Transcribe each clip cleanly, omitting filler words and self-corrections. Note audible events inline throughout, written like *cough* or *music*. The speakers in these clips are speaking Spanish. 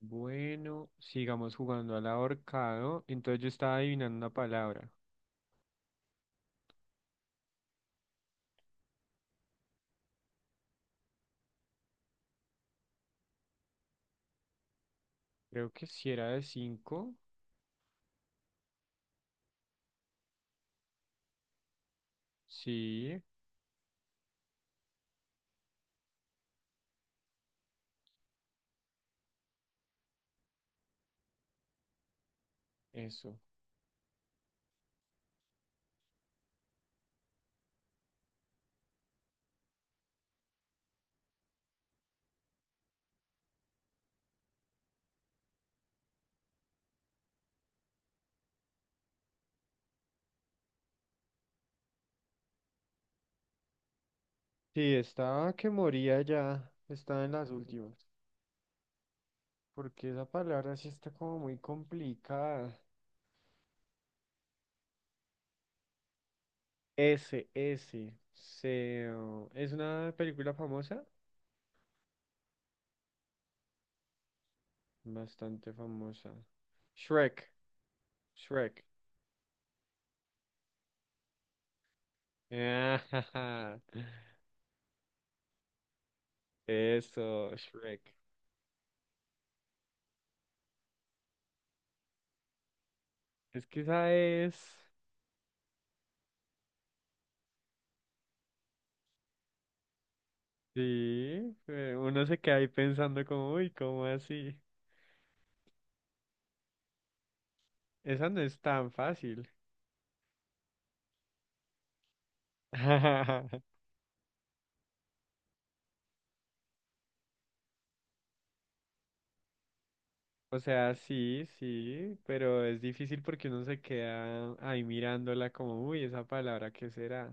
Bueno, sigamos jugando al ahorcado. Entonces yo estaba adivinando una palabra. Creo que si era de cinco. Sí, eso. Sí, estaba que moría ya. Estaba en las últimas. Porque esa palabra sí está como muy complicada. S, S. Se, oh, ¿es una película famosa? Bastante famosa. Shrek, Shrek. *laughs* Eso, Shrek. Es que esa es. Sí, uno se queda ahí pensando como, uy, ¿cómo así? Esa no es tan fácil. *laughs* O sea, sí, sí, pero es difícil porque uno se queda ahí mirándola como, uy, esa palabra, ¿qué será?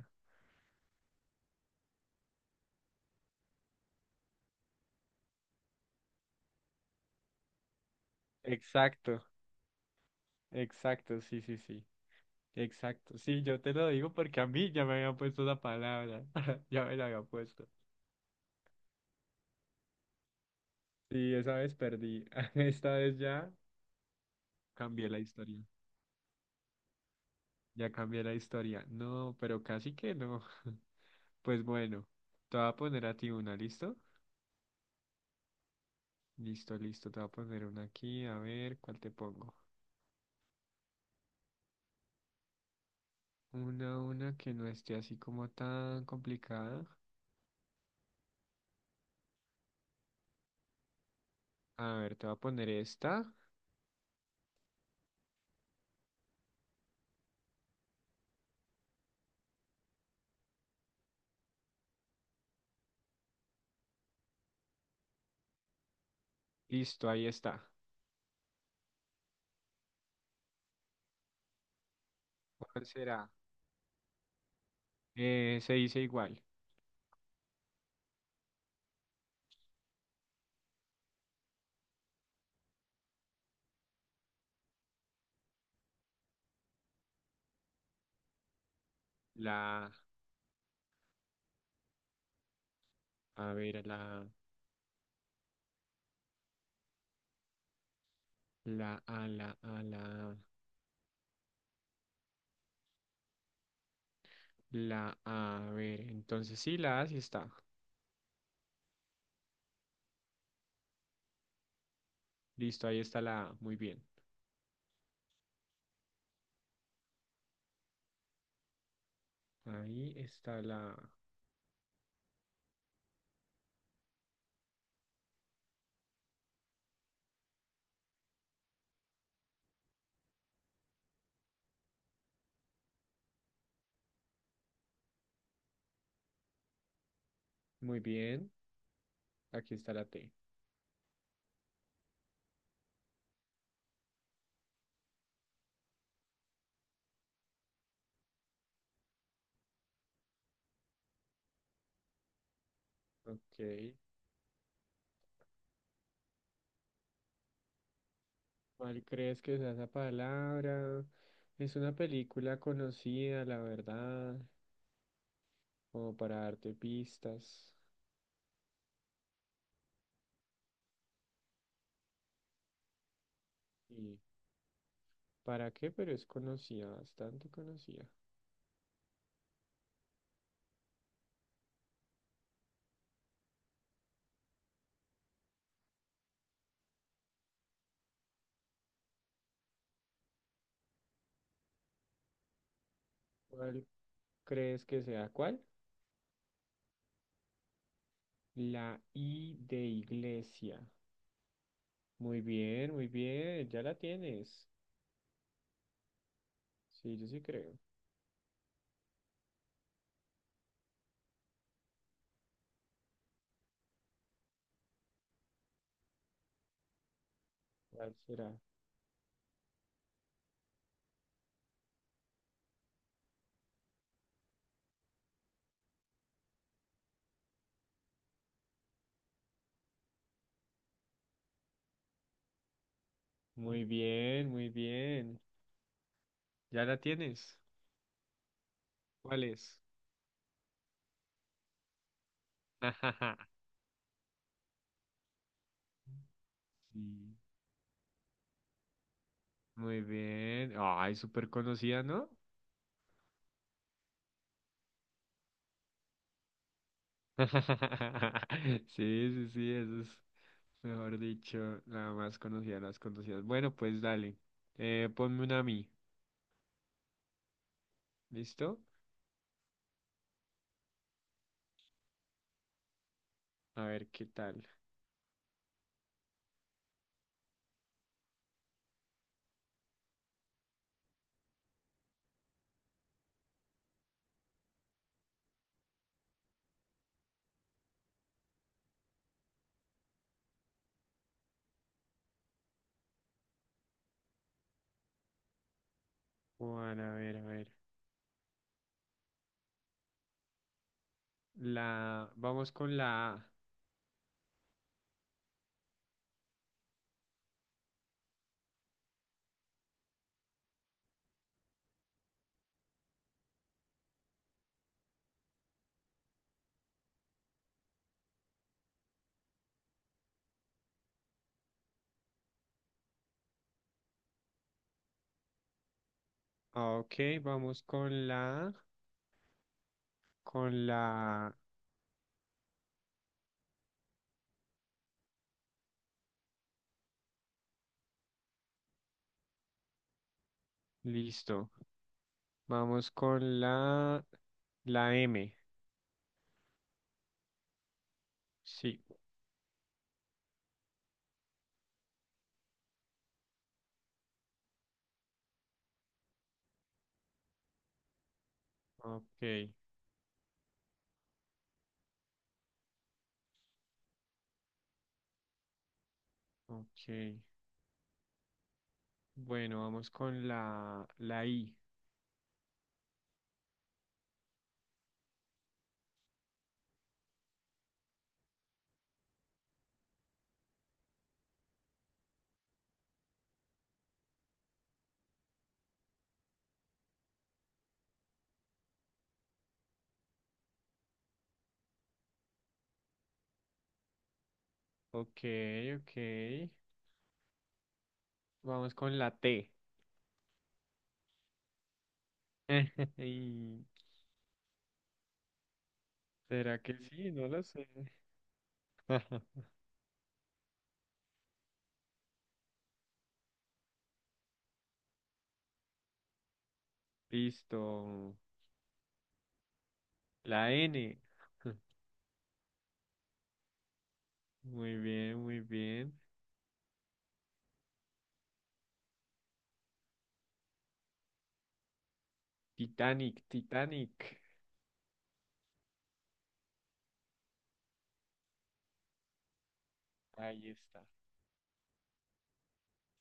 Exacto, exacto, sí, sí, sí, exacto. Sí, yo te lo digo porque a mí ya me habían puesto la palabra, *laughs* ya me la habían puesto. Sí, esa vez perdí, *laughs* esta vez ya cambié la historia, ya cambié la historia. No, pero casi que no. Pues bueno, te voy a poner a ti una, ¿listo? Listo, listo, te voy a poner una aquí, a ver cuál te pongo. Una que no esté así como tan complicada. A ver, te voy a poner esta. Listo, ahí está. ¿Cuál será? Se dice igual. La, a ver, la, a, la, a, la, la, a, ver. Entonces sí, la A sí está. Listo, ahí está la A. Muy bien. Ahí está la A. Muy bien. Aquí está la T. Ok. ¿Cuál crees que sea esa palabra? Es una película conocida, la verdad, como para darte pistas. ¿Y para qué? Pero es conocida, bastante conocida. ¿Cuál crees que sea? ¿Cuál? La I de iglesia. Muy bien, ya la tienes. Sí, yo sí creo. ¿Cuál será? Muy bien, muy bien. ¿Ya la tienes? ¿Cuál es? *laughs* Sí. Muy bien. Ay, súper conocida, ¿no? *laughs* Sí, sí, sí, eso es, mejor dicho, la más conocida de las conocidas. Bueno, pues dale. Ponme una a mí. ¿Listo? A ver qué tal. Juan, a ver, a ver. La, vamos con la A. Ah, ok, vamos con la, listo. Vamos con la, la M. Sí. Ok, ok. Bueno, vamos con la, la I. Ok, ok. Vamos con la T. *laughs* Y, ¿será que sí? No lo sé. *laughs* Listo. La N. *laughs* Muy bien, muy bien. Titanic, Titanic. Ahí está.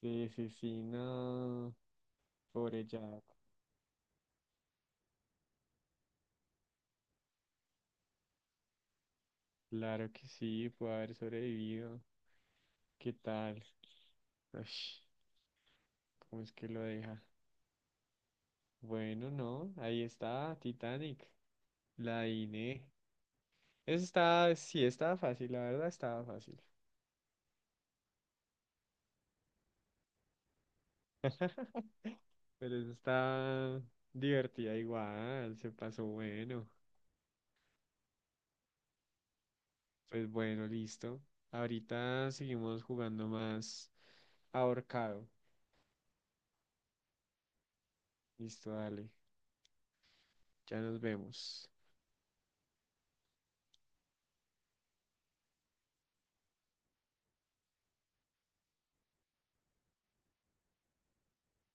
Sí, sí, sí, no. Pobre Jack. Claro que sí, puede haber sobrevivido. ¿Qué tal? Ush, ¿cómo es que lo deja? Bueno, no, ahí está, Titanic, la Iné. Eso está, sí, estaba fácil, la verdad estaba fácil. *laughs* Pero eso está divertida igual, se pasó bueno. Pues bueno, listo. Ahorita seguimos jugando más ahorcado. Listo, dale, ya nos vemos.